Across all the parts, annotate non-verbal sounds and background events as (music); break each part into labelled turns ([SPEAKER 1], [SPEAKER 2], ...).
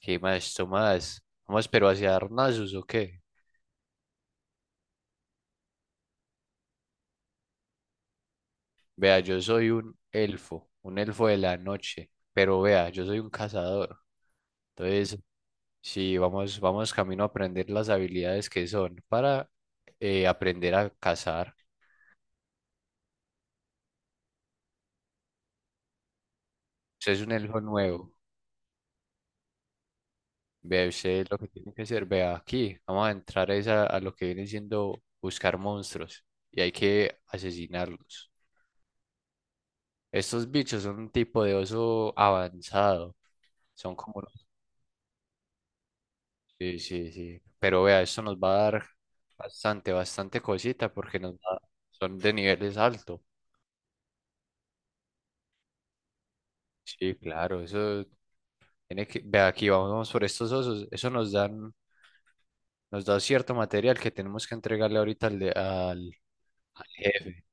[SPEAKER 1] ¿Qué más, Tomás? Vamos, pero hacia Arnazos, ¿o qué? Vea, yo soy un elfo de la noche, pero vea, yo soy un cazador. Entonces, sí, vamos, vamos camino a aprender las habilidades que son para aprender a cazar. Usted es un elfo nuevo. Vea, usted lo que tiene que hacer, vea, aquí vamos a entrar es a lo que viene siendo buscar monstruos y hay que asesinarlos. Estos bichos son un tipo de oso avanzado. Son como sí, sí, sí. Pero vea, esto nos va a dar bastante cosita porque son de niveles altos. Sí, claro, eso tiene que, vea, aquí vamos, vamos por estos osos, eso nos dan, nos da cierto material que tenemos que entregarle ahorita al, al jefe.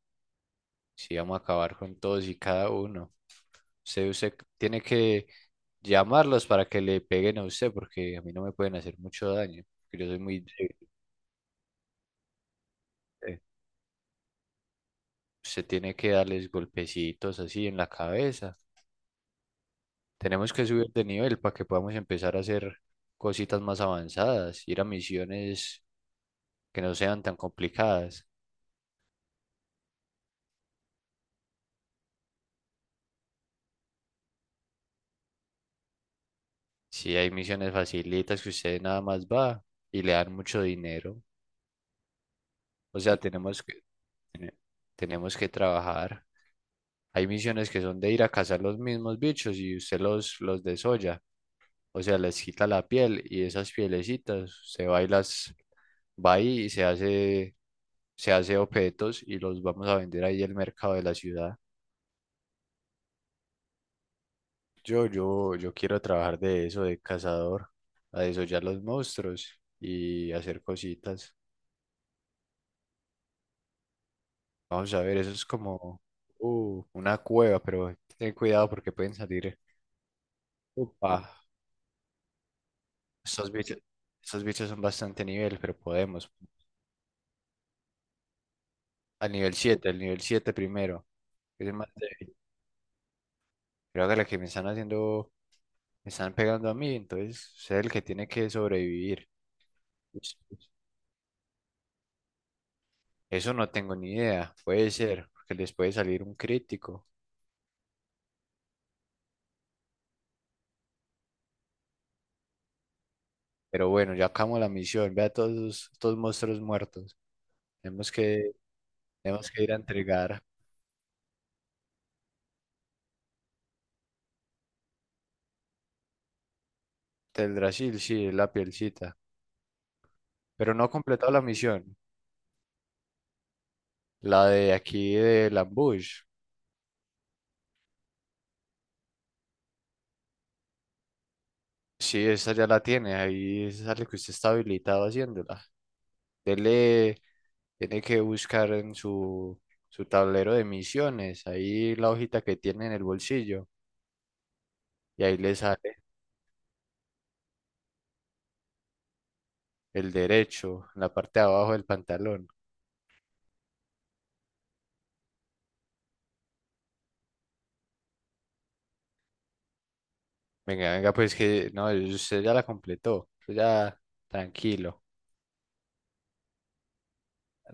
[SPEAKER 1] Sí, vamos a acabar con todos y cada uno. Usted tiene que llamarlos para que le peguen a usted porque a mí no me pueden hacer mucho daño, porque yo soy muy débil. eh. Usted tiene que darles golpecitos así en la cabeza. Tenemos que subir de nivel para que podamos empezar a hacer cositas más avanzadas, ir a misiones que no sean tan complicadas. Si hay misiones facilitas que usted nada más va y le dan mucho dinero, o sea, tene- tenemos que trabajar. Hay misiones que son de ir a cazar los mismos bichos y usted los desolla, o sea, les quita la piel y esas pielecitas se va y las va ahí y se hace objetos y los vamos a vender ahí al mercado de la ciudad. Yo quiero trabajar de eso, de cazador, a desollar los monstruos y hacer cositas. Vamos a ver, eso es como una cueva, pero ten cuidado porque pueden salir. Upa, estos bichos, estos bichos son bastante nivel, pero podemos. Al nivel siete primero, que es el más débil. Creo que la que me están haciendo, me están pegando a mí, entonces es el que tiene que sobrevivir. Pues, pues, Eso no tengo ni idea, puede ser, porque les puede salir un crítico. Pero bueno, ya acabamos la misión. Vea a estos monstruos muertos. Tenemos que, tenemos que ir a entregar. Teldrassil, sí, la pielcita. Pero no ha completado la misión. La de aquí del ambush. Sí, esa ya la tiene. Ahí sale que usted está habilitado haciéndola. Dele, tiene que buscar en su tablero de misiones. Ahí la hojita que tiene en el bolsillo. Y ahí le sale el derecho, en la parte de abajo del pantalón. Venga, venga, pues que no, usted ya la completó. Usted ya tranquilo.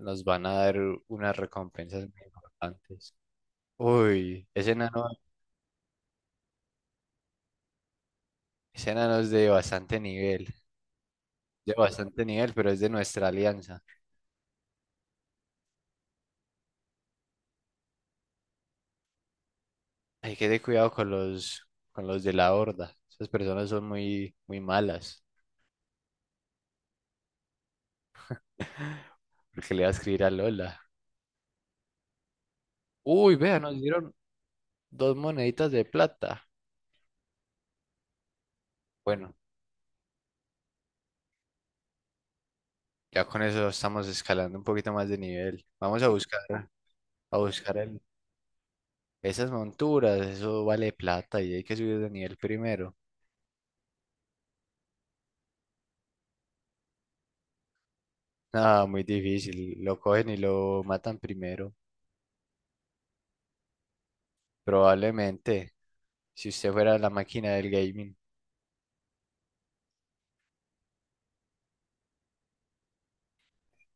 [SPEAKER 1] Nos van a dar unas recompensas muy importantes. Uy, ese enano es de bastante nivel. De bastante nivel, pero es de nuestra alianza. Hay que tener cuidado con los de la horda. Esas personas son muy, muy malas. (laughs) Porque le va a escribir a Lola. Uy, vea, nos dieron dos moneditas de plata. Bueno, ya con eso estamos escalando un poquito más de nivel. Vamos a buscar. a buscar el- Esas monturas, eso vale plata y hay que subir de nivel primero. Nada, muy difícil, lo cogen y lo matan primero, probablemente, si usted fuera la máquina del gaming.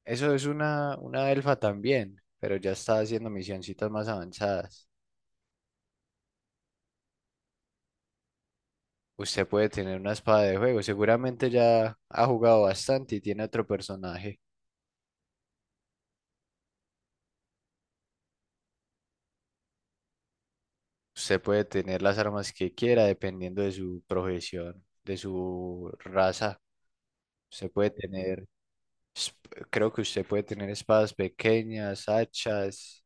[SPEAKER 1] Eso es una elfa también, pero ya está haciendo misioncitas más avanzadas. Usted puede tener una espada de juego, seguramente ya ha jugado bastante y tiene otro personaje. Usted puede tener las armas que quiera dependiendo de su profesión, de su raza. Usted puede tener Es- Creo que usted puede tener espadas pequeñas, hachas.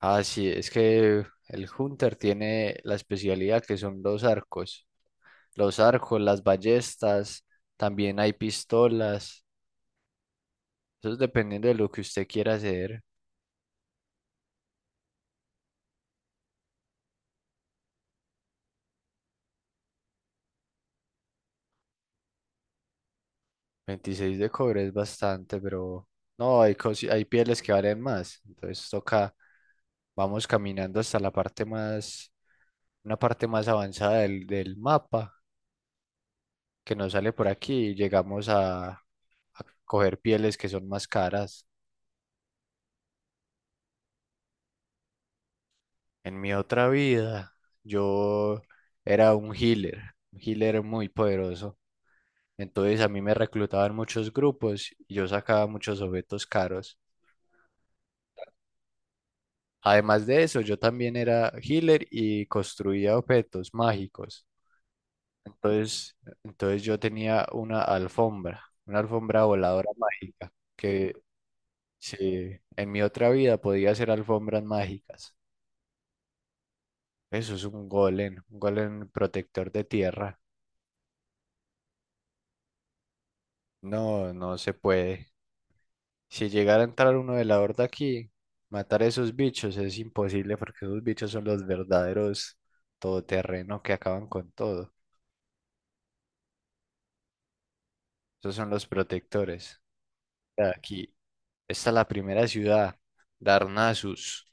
[SPEAKER 1] Ah, sí, es que el Hunter tiene la especialidad que son los arcos. Los arcos, las ballestas, también hay pistolas. Eso es dependiendo de lo que usted quiera hacer. Veintiséis de cobre es bastante, pero no, hay, hay pieles que valen más. Entonces toca, vamos caminando hasta la parte más, una parte más avanzada del mapa que nos sale por aquí y llegamos a coger pieles que son más caras. En mi otra vida, yo era un healer muy poderoso. Entonces a mí me reclutaban muchos grupos y yo sacaba muchos objetos caros. Además de eso, yo también era healer y construía objetos mágicos. Entonces, entonces yo tenía una alfombra voladora mágica, que sí, en mi otra vida podía hacer alfombras mágicas. Eso es un golem protector de tierra. No se puede. Si llegara a entrar uno de la horda aquí, matar a esos bichos es imposible porque esos bichos son los verdaderos todoterreno que acaban con todo. Esos son los protectores. Ya, aquí está la primera ciudad, Darnassus.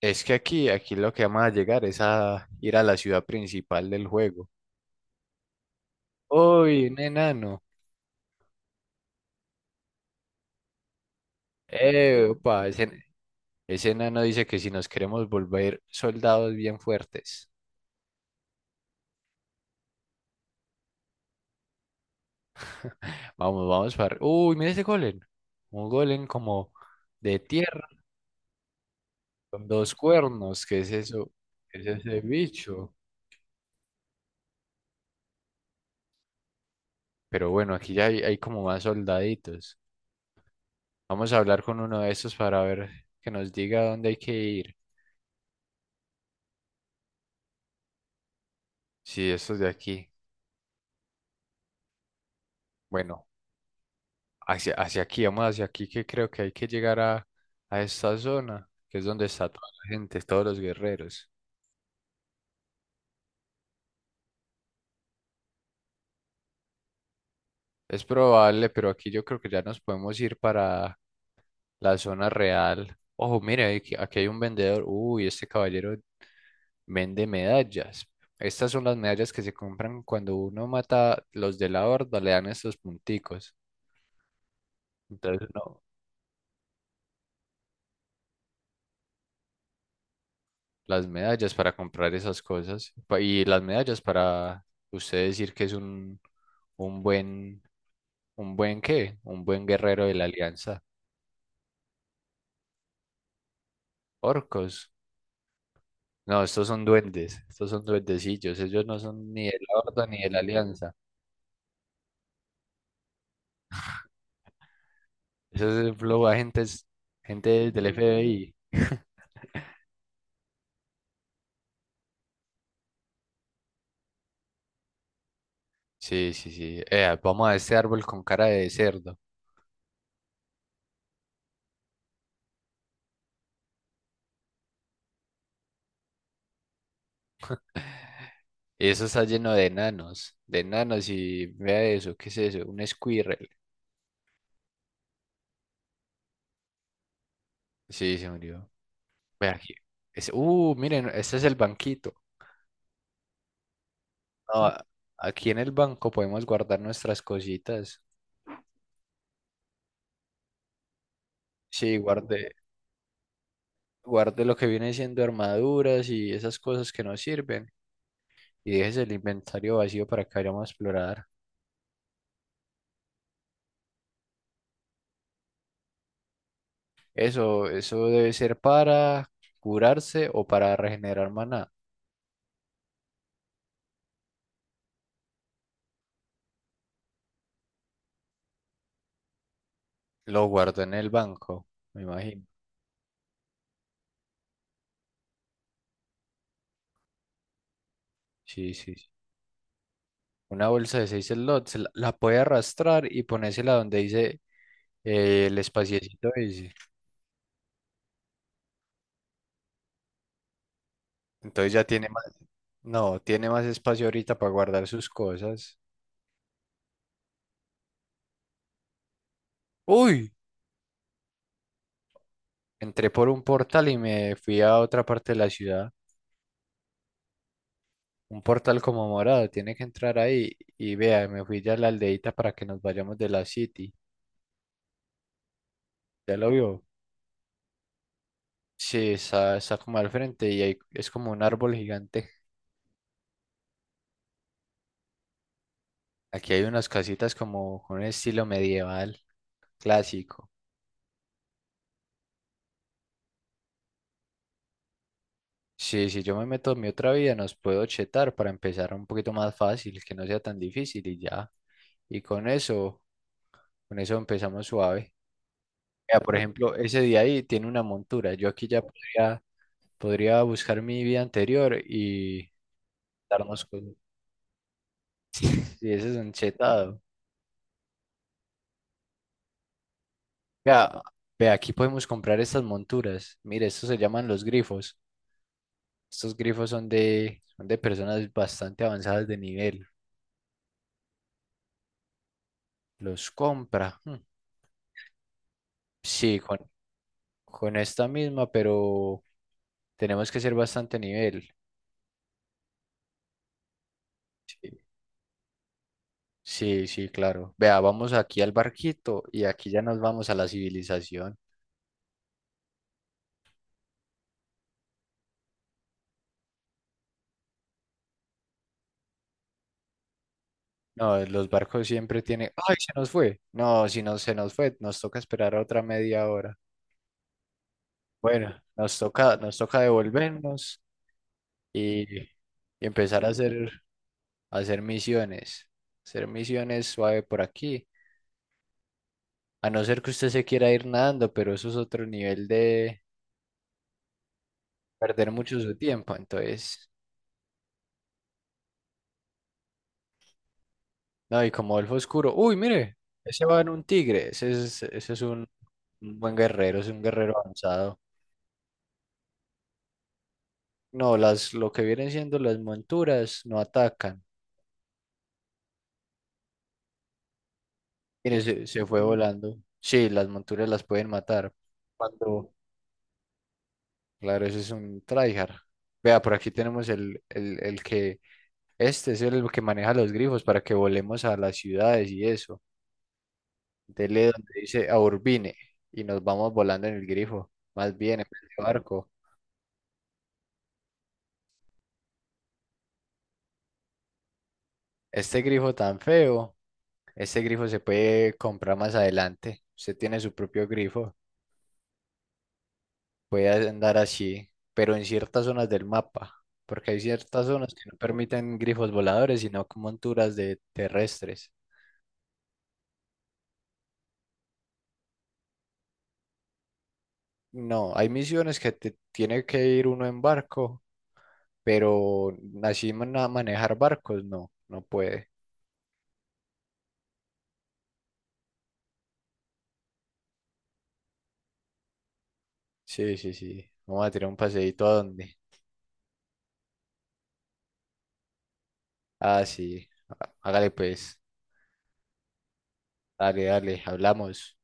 [SPEAKER 1] Es que aquí, aquí lo que vamos a llegar es a ir a la ciudad principal del juego. ¡Uy, un enano! ¡Epa! Ese enano dice que si nos queremos volver soldados bien fuertes, vamos, vamos para... Uy, mira ese golem. Un golem como de tierra, con dos cuernos. ¿Qué es eso? ¿Qué es ese bicho? Pero bueno, aquí ya hay como más soldaditos. Vamos a hablar con uno de estos para ver que nos diga dónde hay que ir. Sí, estos de aquí. Bueno, hacia aquí, vamos hacia aquí que creo que hay que llegar a esta zona, que es donde está toda la gente, todos los guerreros. Es probable, pero aquí yo creo que ya nos podemos ir para la zona real. Ojo, mire, aquí, aquí hay un vendedor. Uy, este caballero vende medallas. Estas son las medallas que se compran cuando uno mata los de la horda, le dan estos punticos. Entonces, no, las medallas para comprar esas cosas. Y las medallas para usted decir que es un buen, un buen qué, un buen guerrero de la alianza. Orcos. No, estos son duendes, estos son duendecillos, ellos no son ni de la Horda ni de la Alianza. Esos es flow agentes, gente del FBI. Sí, sí, sí. Vamos a este árbol con cara de cerdo. Y eso está lleno de enanos y vea eso, ¿qué es eso? Un squirrel. Sí, se murió. Ve aquí. Es, miren, este es el banquito. No, aquí en el banco podemos guardar nuestras cositas. Sí, guarde, guarde lo que viene siendo armaduras y esas cosas que nos sirven. Y dejes el inventario vacío para que vayamos a explorar. Eso debe ser para curarse o para regenerar maná. Lo guardo en el banco, me imagino. Sí, sí, sí. Una bolsa de 6 slots, la puede arrastrar y ponérsela donde dice el espaciecito ese. Entonces ya tiene más, no, tiene más espacio ahorita para guardar sus cosas. ¡Uy! Entré por un portal y me fui a otra parte de la ciudad. Un portal como morado, tiene que entrar ahí y vea, me fui ya a la aldeita para que nos vayamos de la city. ¿Ya lo vio? Sí, está como al frente y ahí es como un árbol gigante. Aquí hay unas casitas como con un estilo medieval clásico. Sí, si yo me meto en mi otra vida, nos puedo chetar para empezar un poquito más fácil, que no sea tan difícil y ya. Y con eso, con eso empezamos suave. Vea, por ejemplo, ese día ahí tiene una montura. Yo aquí ya podría, podría buscar mi vida anterior darnos cosas. Sí, ese es un chetado. Vea, vea, aquí podemos comprar estas monturas. Mire, estos se llaman los grifos. Estos grifos son son de personas bastante avanzadas de nivel. Los compra. Sí, con esta misma, pero tenemos que ser bastante nivel. Sí, sí, sí, claro. Vea, vamos aquí al barquito y aquí ya nos vamos a la civilización. No, los barcos siempre tienen. ¡Ay, se nos fue! No, si no se nos fue, nos toca esperar otra media hora. Bueno, nos toca devolvernos y empezar a hacer, a hacer misiones. Hacer misiones suave por aquí. A no ser que usted se quiera ir nadando, pero eso es otro nivel de perder mucho su tiempo. Entonces, no, y como elfo oscuro. Uy, mire, ese va en un tigre. Ese es un buen guerrero, es un guerrero avanzado. No, lo que vienen siendo las monturas no atacan. Mire, se fue volando. Sí, las monturas las pueden matar cuando, claro, eso es un tryhard. Vea, por aquí tenemos el que, este es el que maneja los grifos para que volemos a las ciudades y eso. Dele donde dice a Urbine y nos vamos volando en el grifo, más bien en vez de barco. Este grifo tan feo, este grifo se puede comprar más adelante. Usted tiene su propio grifo, puede andar así, pero en ciertas zonas del mapa, porque hay ciertas zonas que no permiten grifos voladores, sino como monturas de terrestres. No, hay misiones que te tiene que ir uno en barco, pero a manejar barcos, no, no puede. Sí, sí, sí. Vamos a tirar un paseíto a dónde. Ah, sí. Hágale pues. Dale, dale, hablamos.